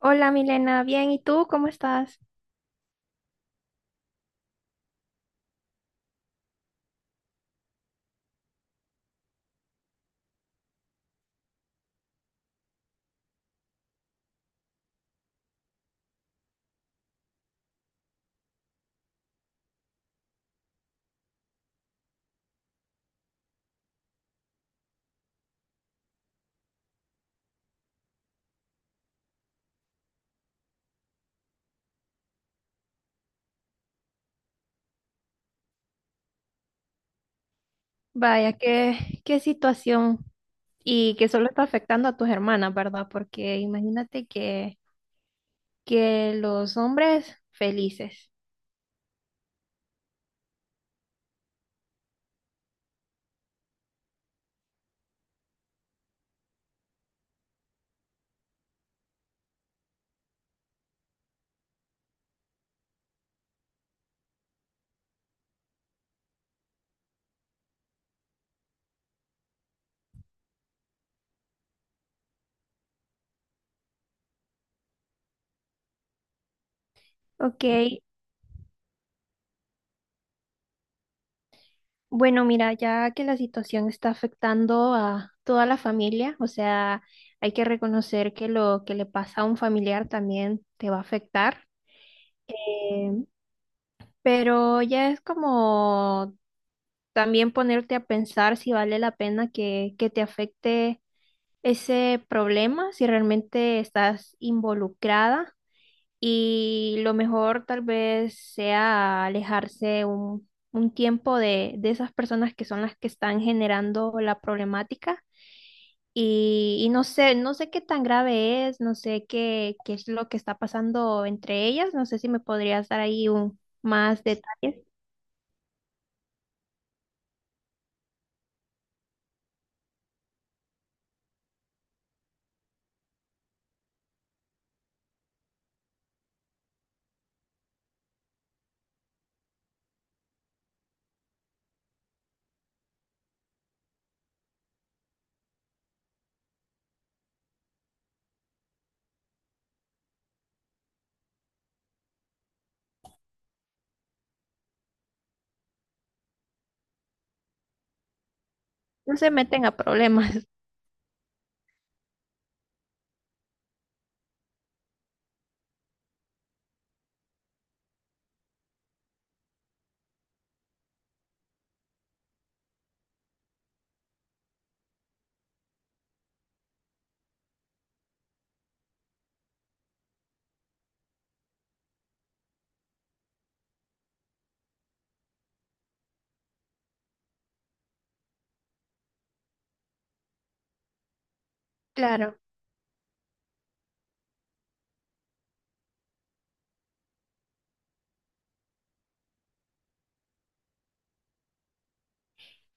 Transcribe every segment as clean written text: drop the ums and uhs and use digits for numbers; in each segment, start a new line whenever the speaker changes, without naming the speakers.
Hola Milena, bien, ¿y tú cómo estás? Vaya, qué situación, y que solo está afectando a tus hermanas, ¿verdad? Porque imagínate que los hombres felices. Ok, bueno, mira, ya que la situación está afectando a toda la familia, o sea, hay que reconocer que lo que le pasa a un familiar también te va a afectar. Em, pero ya es como también ponerte a pensar si vale la pena que te afecte ese problema, si realmente estás involucrada y lo mejor tal vez sea alejarse un tiempo de esas personas que son las que están generando la problemática. Y no sé, no sé qué tan grave es, no sé qué es lo que está pasando entre ellas, no sé si me podrías dar ahí un más detalles. No se meten a problemas. Claro.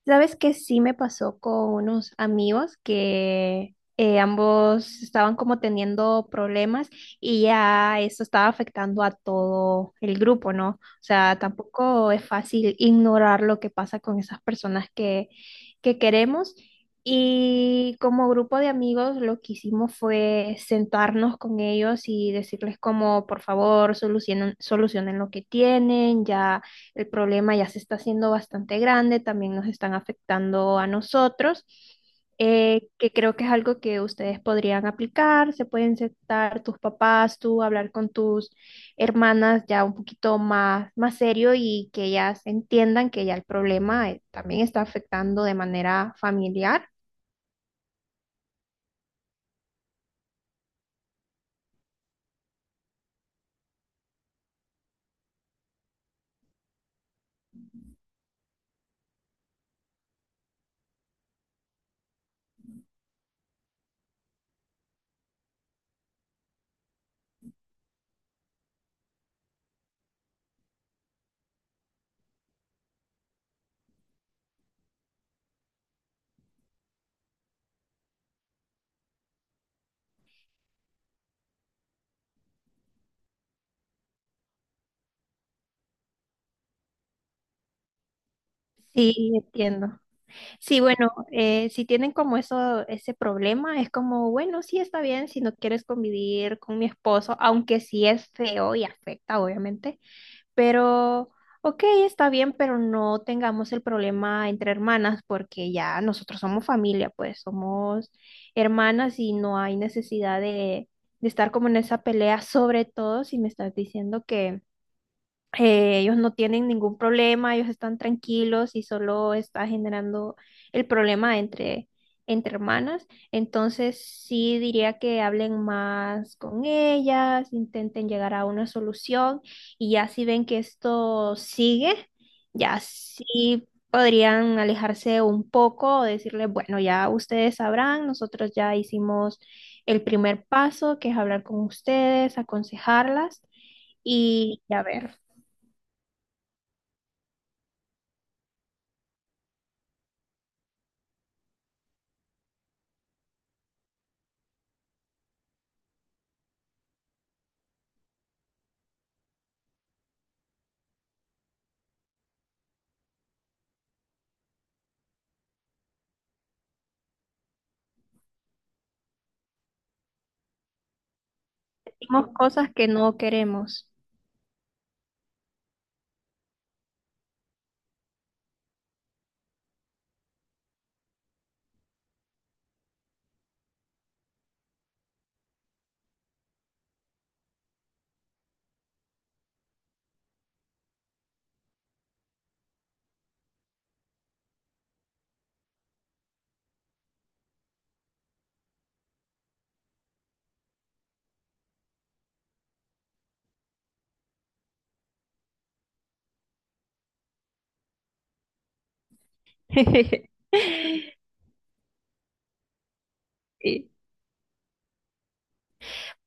Sabes que sí me pasó con unos amigos que ambos estaban como teniendo problemas y ya eso estaba afectando a todo el grupo, ¿no? O sea, tampoco es fácil ignorar lo que pasa con esas personas que queremos. Y como grupo de amigos, lo que hicimos fue sentarnos con ellos y decirles como, por favor, solucionen lo que tienen, ya. El problema ya se está haciendo bastante grande, también nos están afectando a nosotros, que creo que es algo que ustedes podrían aplicar, se pueden sentar tus papás, tú hablar con tus hermanas ya un poquito más, más serio y que ellas entiendan que ya el problema también está afectando de manera familiar. Sí, entiendo. Sí, bueno, si tienen como eso, ese problema, es como, bueno, sí está bien si no quieres convivir con mi esposo, aunque sí es feo y afecta, obviamente, pero, ok, está bien, pero no tengamos el problema entre hermanas porque ya nosotros somos familia, pues somos hermanas y no hay necesidad de estar como en esa pelea, sobre todo si me estás diciendo que ellos no tienen ningún problema, ellos están tranquilos y solo está generando el problema entre hermanas. Entonces sí diría que hablen más con ellas, intenten llegar a una solución y ya si ven que esto sigue, ya sí podrían alejarse un poco o decirle, bueno, ya ustedes sabrán, nosotros ya hicimos el primer paso, que es hablar con ustedes, aconsejarlas y ya ver. Hacemos cosas que no queremos. Sí.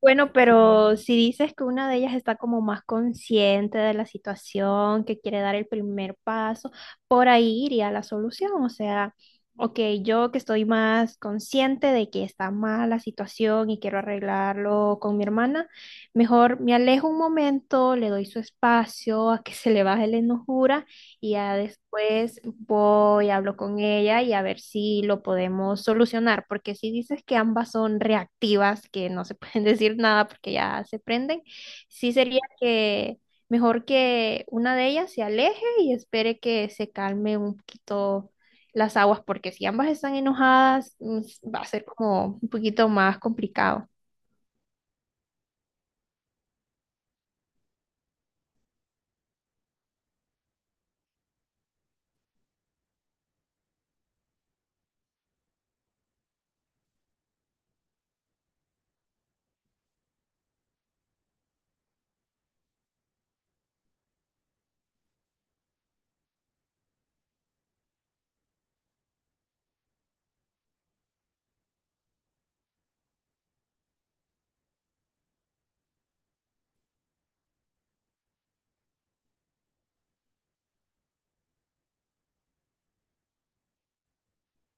Bueno, pero si dices que una de ellas está como más consciente de la situación, que quiere dar el primer paso, por ahí iría la solución. O sea, ok, yo que estoy más consciente de que está mal la situación y quiero arreglarlo con mi hermana, mejor me alejo un momento, le doy su espacio a que se le baje la enojura. Y ya después voy, hablo con ella y a ver si lo podemos solucionar, porque si dices que ambas son reactivas, que no se pueden decir nada porque ya se prenden, sí sería que mejor que una de ellas se aleje y espere que se calme un poquito las aguas, porque si ambas están enojadas, va a ser como un poquito más complicado.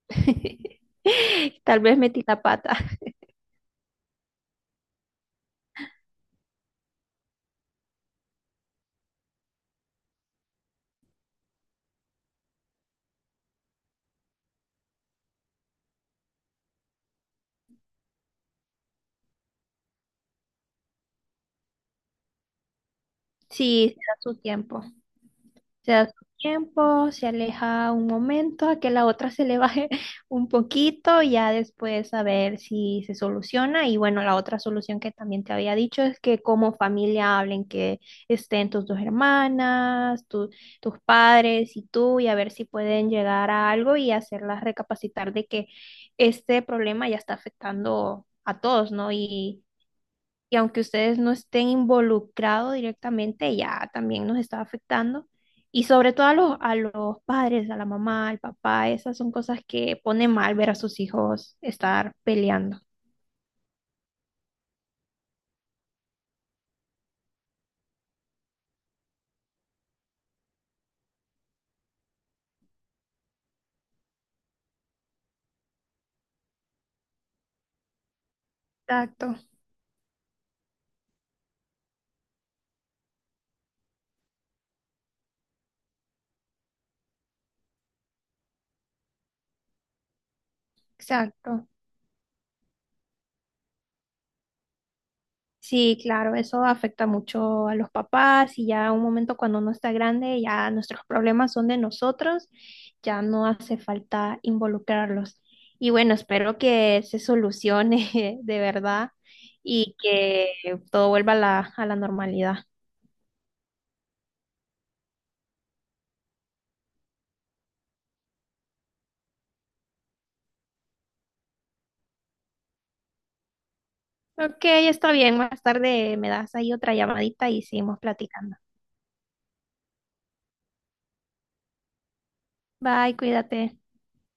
Tal vez metí la pata. Sí, será su tiempo. Se da su tiempo, se aleja un momento, a que la otra se le baje un poquito, y ya después a ver si se soluciona. Y bueno, la otra solución que también te había dicho es que como familia hablen, que estén tus dos hermanas, tus padres y tú, y a ver si pueden llegar a algo y hacerlas recapacitar de que este problema ya está afectando a todos, ¿no?, y aunque ustedes no estén involucrados directamente, ya también nos está afectando. Y sobre todo a a los padres, a la mamá, al papá, esas son cosas que pone mal ver a sus hijos estar peleando. Exacto, exacto. Sí, claro, eso afecta mucho a los papás y ya un momento cuando uno está grande, ya nuestros problemas son de nosotros, ya no hace falta involucrarlos. Y bueno, espero que se solucione de verdad y que todo vuelva a a la normalidad. Ok, está bien, más tarde me das ahí otra llamadita y seguimos platicando. Bye, cuídate.